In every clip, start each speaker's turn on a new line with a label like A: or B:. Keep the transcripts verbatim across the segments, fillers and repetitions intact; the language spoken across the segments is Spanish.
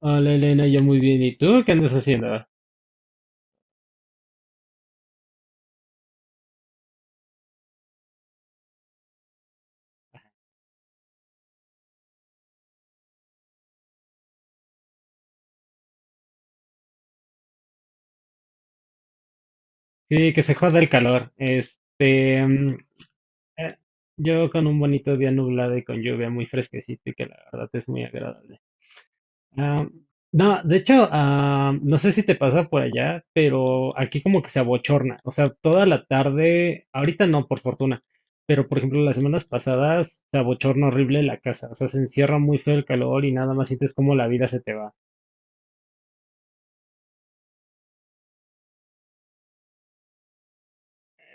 A: Hola Elena, yo muy bien. ¿Y tú qué andas haciendo? Sí, que se joda el calor. Este, mm, eh, yo con un bonito día nublado y con lluvia muy fresquecito y que la verdad es muy agradable. Ah, no, de hecho, ah, no sé si te pasa por allá, pero aquí como que se abochorna. O sea, toda la tarde, ahorita no, por fortuna, pero por ejemplo las semanas pasadas se abochorna horrible la casa. O sea, se encierra muy feo el calor y nada más sientes como la vida se te va.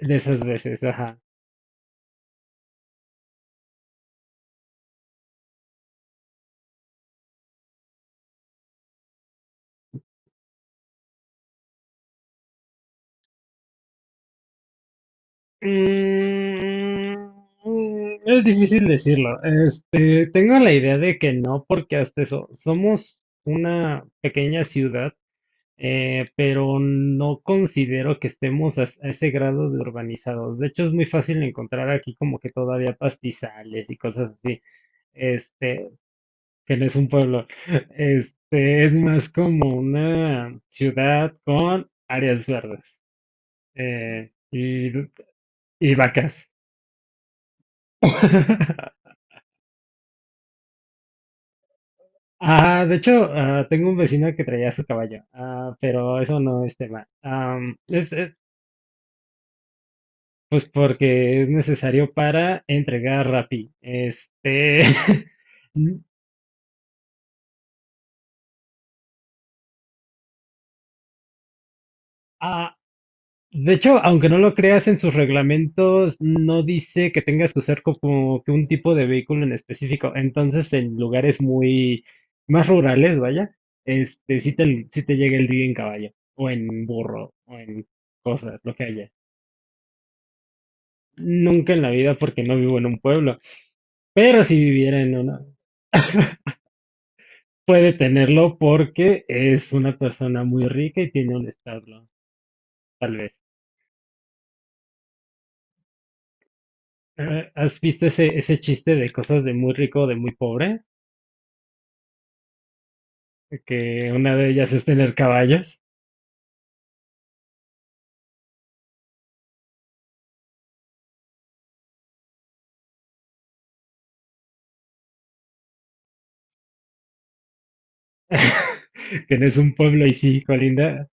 A: De esas veces, ajá. Mm, es difícil decirlo. Este, tengo la idea de que no, porque hasta eso, somos una pequeña ciudad, eh, pero no considero que estemos a, a ese grado de urbanizados. De hecho, es muy fácil encontrar aquí como que todavía pastizales y cosas así. Este, que no es un pueblo. Este, es más como una ciudad con áreas verdes, eh, y, y vacas. Ah, de hecho, ah, tengo un vecino que traía su caballo, ah, pero eso no es tema. Am, es, es, pues porque es necesario para entregar Rappi. Este, n- ah, de hecho, aunque no lo creas en sus reglamentos, no dice que tengas que usar co- como que un tipo de vehículo en específico. Entonces, en lugares muy más rurales, vaya, este, sí te, sí te llega el día en caballo, o en burro, o en cosas, lo que haya. Nunca en la vida porque no vivo en un pueblo, pero si viviera en una, puede tenerlo porque es una persona muy rica y tiene un establo, tal vez. Eh, ¿Has visto ese, ese chiste de cosas de muy rico, de muy pobre? Que una de ellas es tener caballos. Que no es un pueblo y sí, colinda.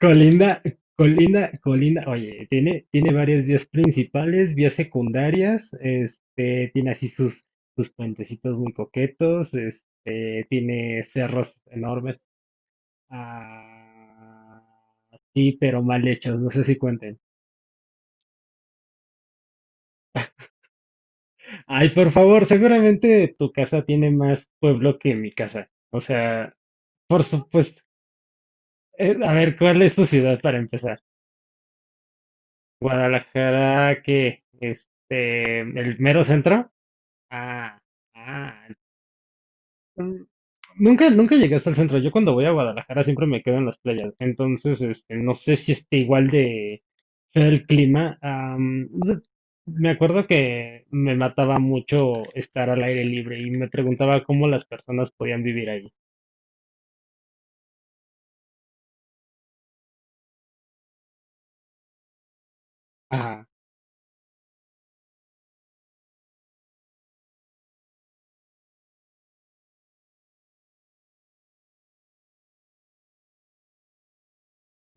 A: Colinda Colinda, Colinda, oye, tiene, tiene varias vías principales, vías secundarias, este, tiene así sus, sus puentecitos muy coquetos, este, tiene cerros enormes. ah, sí, pero mal hechos, no sé si cuenten. Ay, por favor, seguramente tu casa tiene más pueblo que mi casa, o sea, por supuesto. Eh, a ver, ¿cuál es tu ciudad para empezar? Guadalajara, que, este, el mero centro. Ah, ah, mm, Nunca, nunca llegué hasta el centro. Yo cuando voy a Guadalajara siempre me quedo en las playas. Entonces, este, no sé si esté igual de feo el clima. Am, de- me acuerdo que me mataba mucho estar al aire libre y me preguntaba cómo las personas podían vivir ahí. Ah,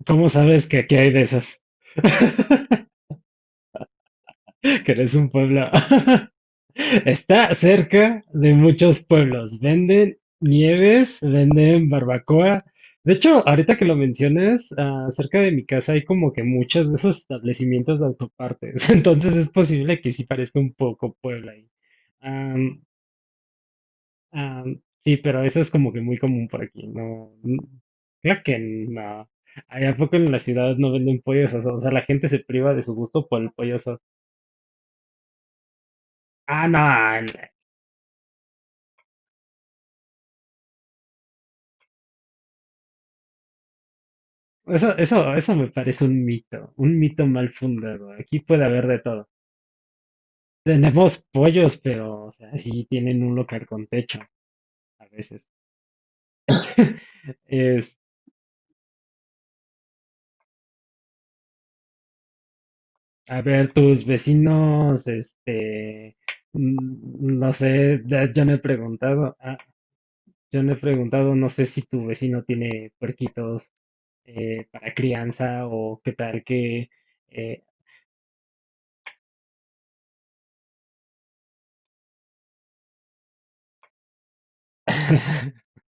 A: ¿cómo sabes que aquí hay de esas? Que eres un pueblo. Está cerca de muchos pueblos, venden nieves, venden barbacoa. De hecho, ahorita que lo mencionas, ah, cerca de mi casa hay como que muchos de esos establecimientos de autopartes. Entonces es posible que sí parezca un poco Puebla ahí. Am, am, sí, pero eso es como que muy común por aquí. No, n- creo que no. Allá, ¿a poco en la ciudad no venden pollos asados? O sea, la gente se priva de su gusto por el pollo asado. Ah, no. No. Eso, eso, eso me parece un mito, un mito mal fundado. Aquí puede haber de todo. Tenemos pollos, pero o sea, sí tienen un local con techo a veces. Es, a ver, tus vecinos, este, mm, no sé, ya- yo no he preguntado, ah, yo no he preguntado, no sé si tu vecino tiene puerquitos, eh, para crianza o qué tal que, eh,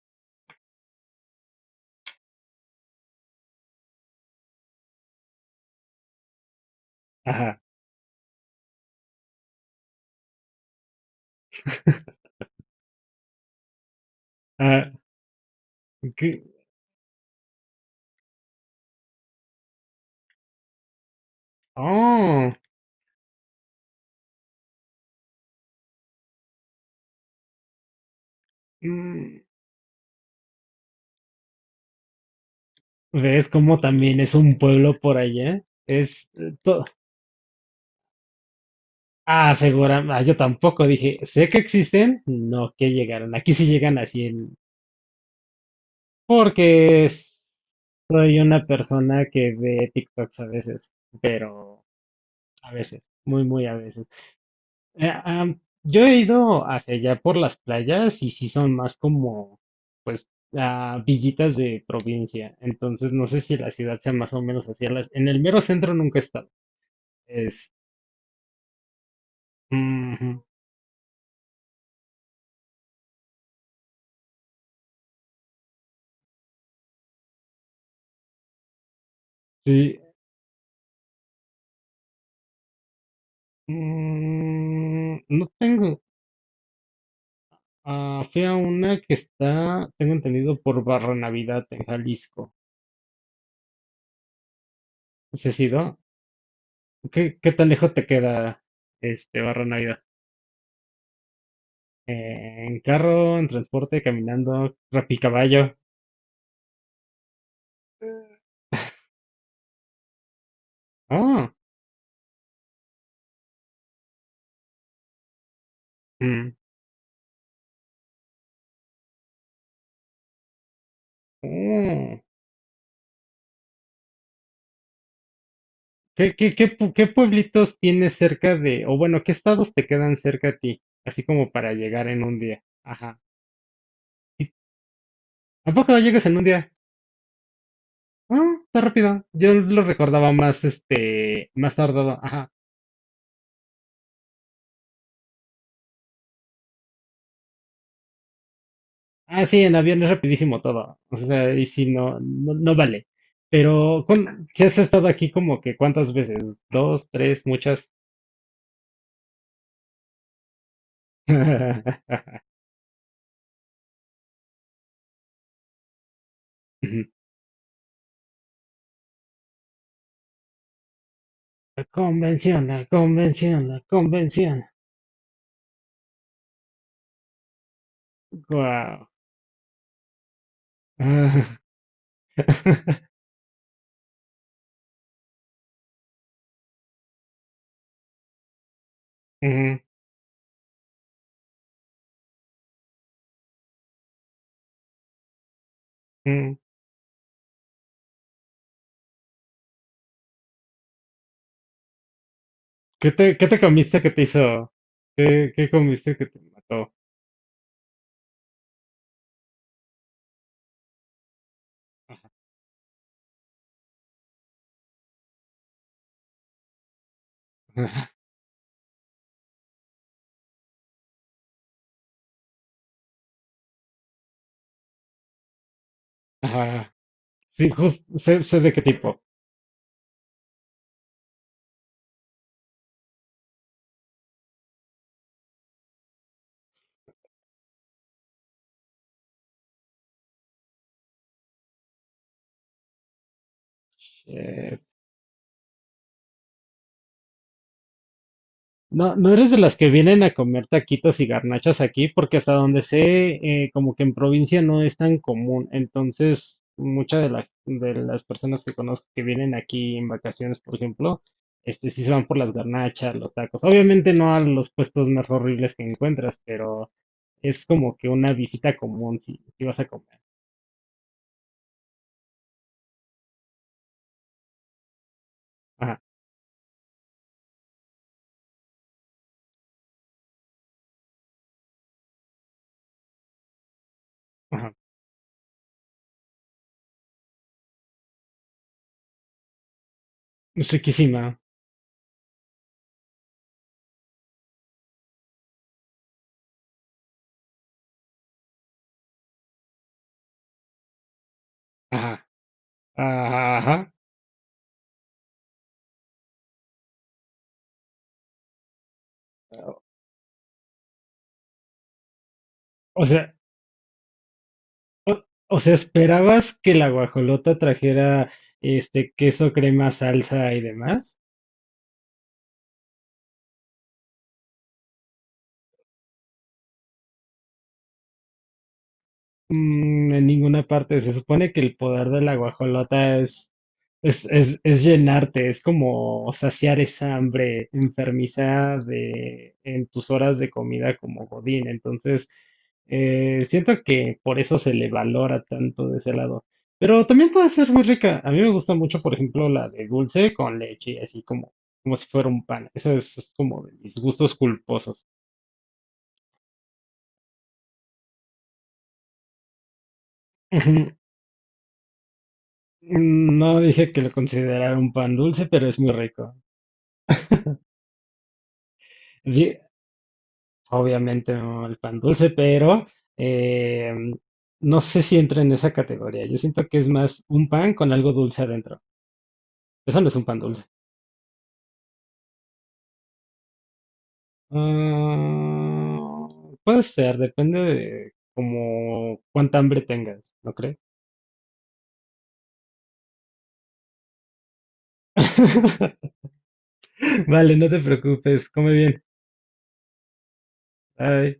A: ajá, ah, qué oh, mm. ¿Ves cómo también es un pueblo por allá? To- ah, Segura, ah, yo tampoco dije, sé que existen, no que llegaron. Aquí sí llegan así en... Porque es- Soy una persona que ve TikToks a veces, pero a veces, muy, muy a veces. Eh, am, yo he ido hacia allá por las playas y sí son más como, pues, ah, villitas de provincia. Entonces no sé si la ciudad sea más o menos así. En las- en el mero centro nunca he estado. Es... ujú. Sí. Mm, no tengo. Ah, fui a una que está, tengo entendido, por Barra Navidad en Jalisco. ¿Ese sí, no? ¿Qué, qué tan lejos te queda este Barra Navidad? Eh, ¿en carro, en transporte, caminando, rapicaballo? Oh, mm, oh. ¿Qué, qué, qué, pu- ¿qué pueblitos tienes cerca de, o bueno, qué estados te quedan cerca a ti? Así como para llegar en un día. Ajá. ¿A poco no llegas en un día? Ah, está rápido. Yo lo recordaba más, este, más tardado. Ajá. Ah, sí, en avión es rapidísimo todo. O sea, y si no, no, no vale. Pero, ¿cuán- si has estado aquí como que cuántas veces? ¿Dos, tres, muchas? Convención, la convención, la convención. Wow. ¿Qué te, ¿qué te comiste que te hizo? ¿Qué, qué comiste que te mató? Ajá. Sí, justo sé, sé de qué tipo. Eh, No, no eres de las que vienen a comer taquitos y garnachas aquí, porque hasta donde sé, eh, como que en provincia no es tan común. Entonces, muchas de, la- de las personas que conozco que vienen aquí en vacaciones, por ejemplo, este, sí se van por las garnachas, los tacos. Obviamente no a los puestos más horribles que encuentras, pero es como que una visita común si, si vas a comer. Ajá, ajá. Es riquísima. Ajá, ajá, ajá. O sea, O, o sea, ¿esperabas que la guajolota trajera este queso, crema, salsa y demás? Mm, en ninguna parte. Se supone que el poder de la guajolota es Es, es, es llenarte, es como saciar esa hambre enfermiza de en tus horas de comida como Godín. Entonces, eh, siento que por eso se le valora tanto de ese lado. Pero también puede ser muy rica. A mí me gusta mucho, por ejemplo, la de dulce con leche, así como, como si fuera un pan. Eso es, es como de mis gustos culposos. Ujú. No dije que lo considerara un pan dulce, pero es muy rico. Di- Obviamente no el pan dulce, pero eh, no sé si entra en esa categoría. Yo siento que es más un pan con algo dulce adentro. Eso no es un pan dulce. Ah, Puede ser, depende de como cuánta hambre tengas, ¿no crees? Vale, no te preocupes, come bien. Bye.